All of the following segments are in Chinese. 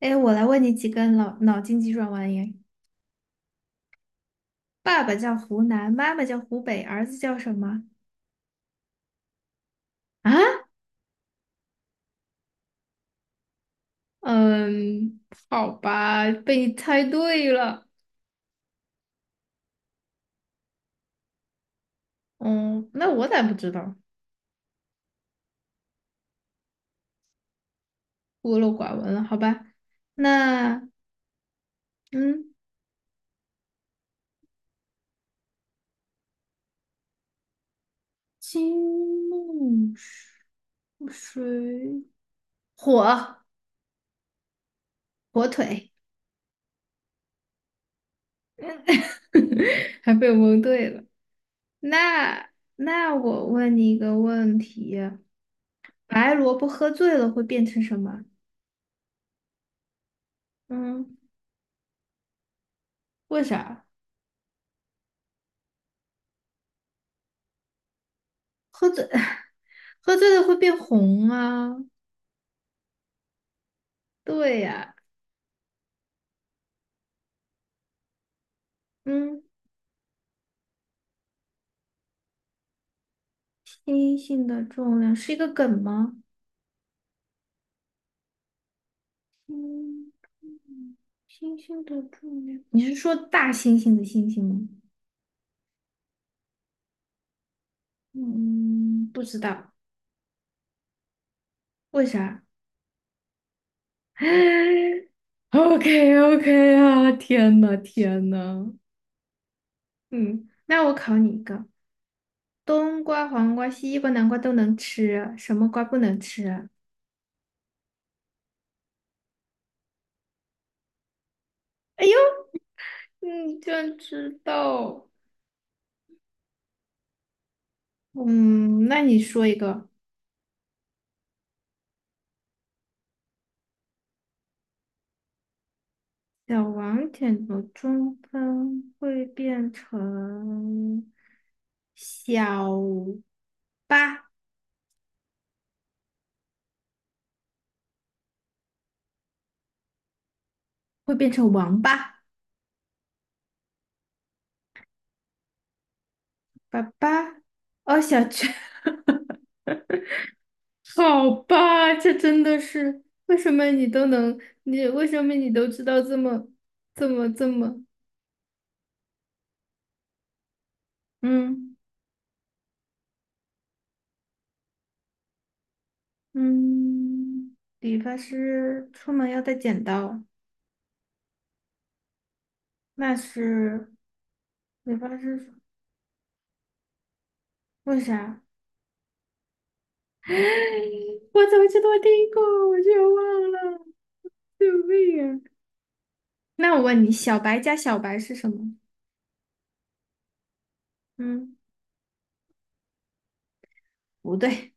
哎，我来问你几个脑筋急转弯耶。爸爸叫湖南，妈妈叫湖北，儿子叫什么？啊？嗯，好吧，被你猜对了。嗯，那我咋不知道？孤陋寡闻了，好吧。那嗯，金木水火火腿，还被我蒙对了。那那我问你一个问题：白萝卜喝醉了会变成什么？嗯。为啥？喝醉，喝醉了会变红啊？对呀、嗯，星星的重量是一个梗吗？嗯，星星的重量，你是说大猩猩的猩猩吗？嗯，不知道，为啥 ？OK OK 啊，天呐天呐，嗯，那我考你一个，冬瓜、黄瓜、西瓜、南瓜都能吃啊，什么瓜不能吃啊？哎呦，你居然知道！嗯，那你说一个，小王点的中分会变成小八，会变成王八，爸爸，哦，小雀，好吧，这真的是为什么你都能，你为什么你都知道这么这么这么，嗯嗯，理发师出门要带剪刀，那是理发师为啥？我怎么记得我听过，我却忘了，救命啊！那我问你，小白加小白是什么？嗯，不对，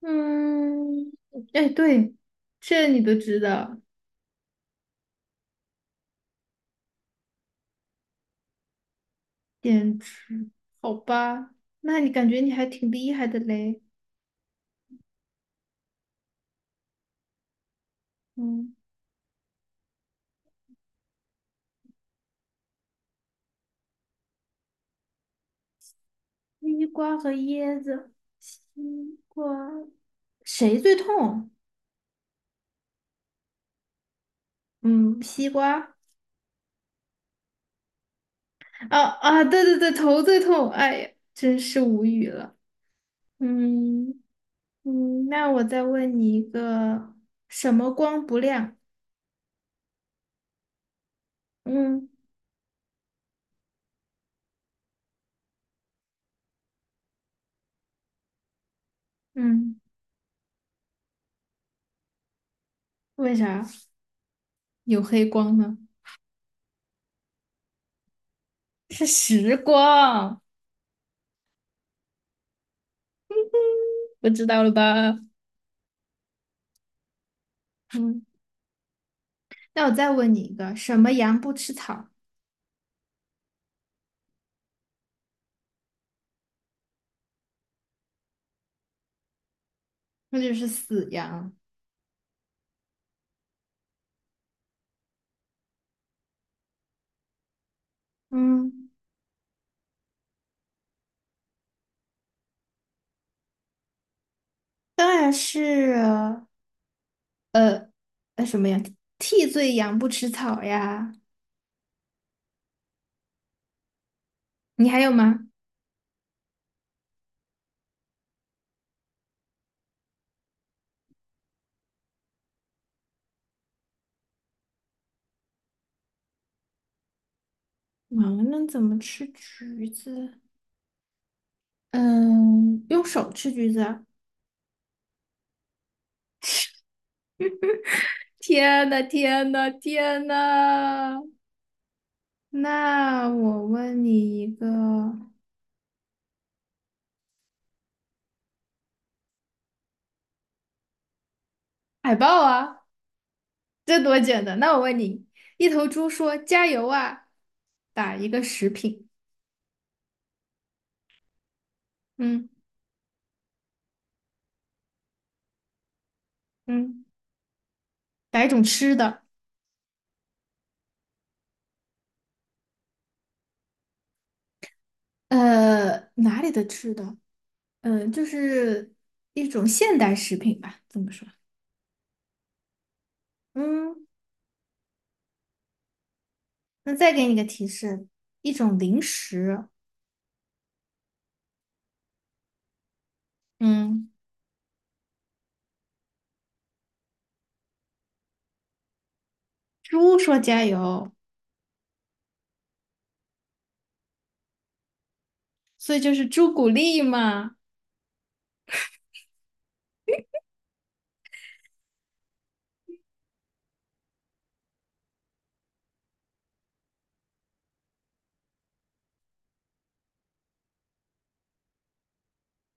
嗯，哎，对，这你都知道，电池，好吧？那你感觉你还挺厉害的嘞。嗯，西瓜和椰子，西瓜，谁最痛？嗯，西瓜。啊啊，对对对，头最痛，哎呀，真是无语了。嗯，嗯，那我再问你一个，什么光不亮？嗯嗯，为啥有黑光呢？是时光，不知道了吧？嗯，那我再问你一个，什么羊不吃草？那就是死羊。嗯，当然是呃什么呀？替罪羊不吃草呀。你还有吗？盲人怎么吃橘子？嗯，用手吃橘子啊天呐，天呐，天呐！那我问你一个海报啊，这多简单。那我问你，一头猪说加油啊，打一个食品，嗯嗯，打一种吃的，呃，哪里的吃的？嗯、就是一种现代食品吧，这么说。嗯，那再给你个提示，一种零食。嗯，猪说加油，所以就是朱古力嘛。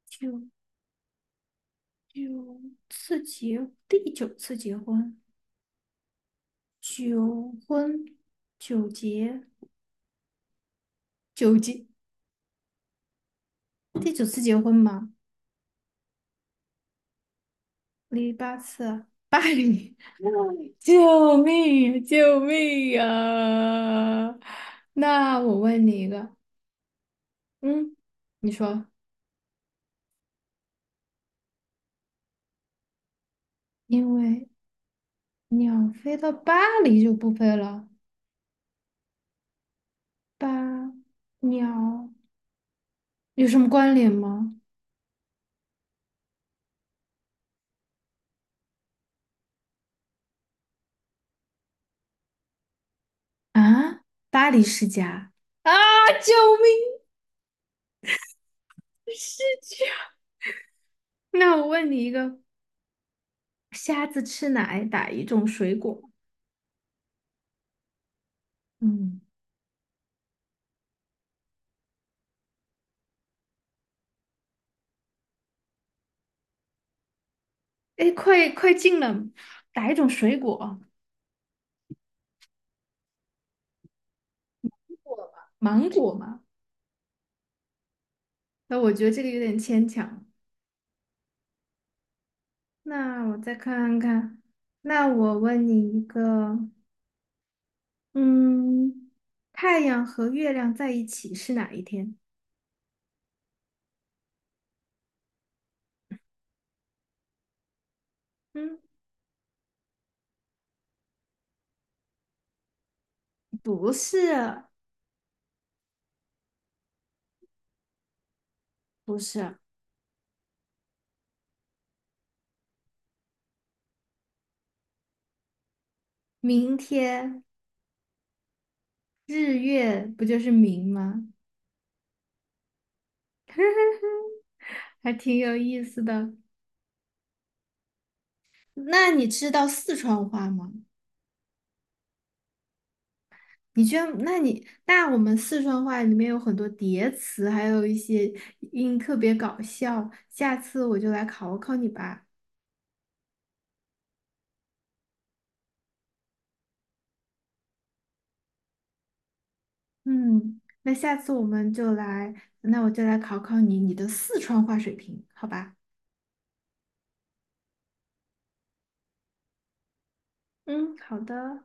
九九次结，第九次结婚。九婚九结九结，第九次结婚嘛，离八次巴八离，救命呀救命呀！那我问你一个，嗯，你说，因为鸟飞到巴黎就不飞了，巴鸟有什么关联吗？啊，巴黎世家啊！救命，世家！那我问你一个，瞎子吃奶打一种水果？嗯，哎，快快进了，打一种水果？芒果嘛？那我觉得这个有点牵强。那我再看看，那我问你一个，嗯，太阳和月亮在一起是哪一天？嗯，不是，不是，明天日月不就是明吗？还挺有意思的。那你知道四川话吗？你居然，那你那我们四川话里面有很多叠词，还有一些音特别搞笑。下次我就来考考你吧。嗯，那下次我们就来，那我就来考考你你的四川话水平，好吧？嗯，好的。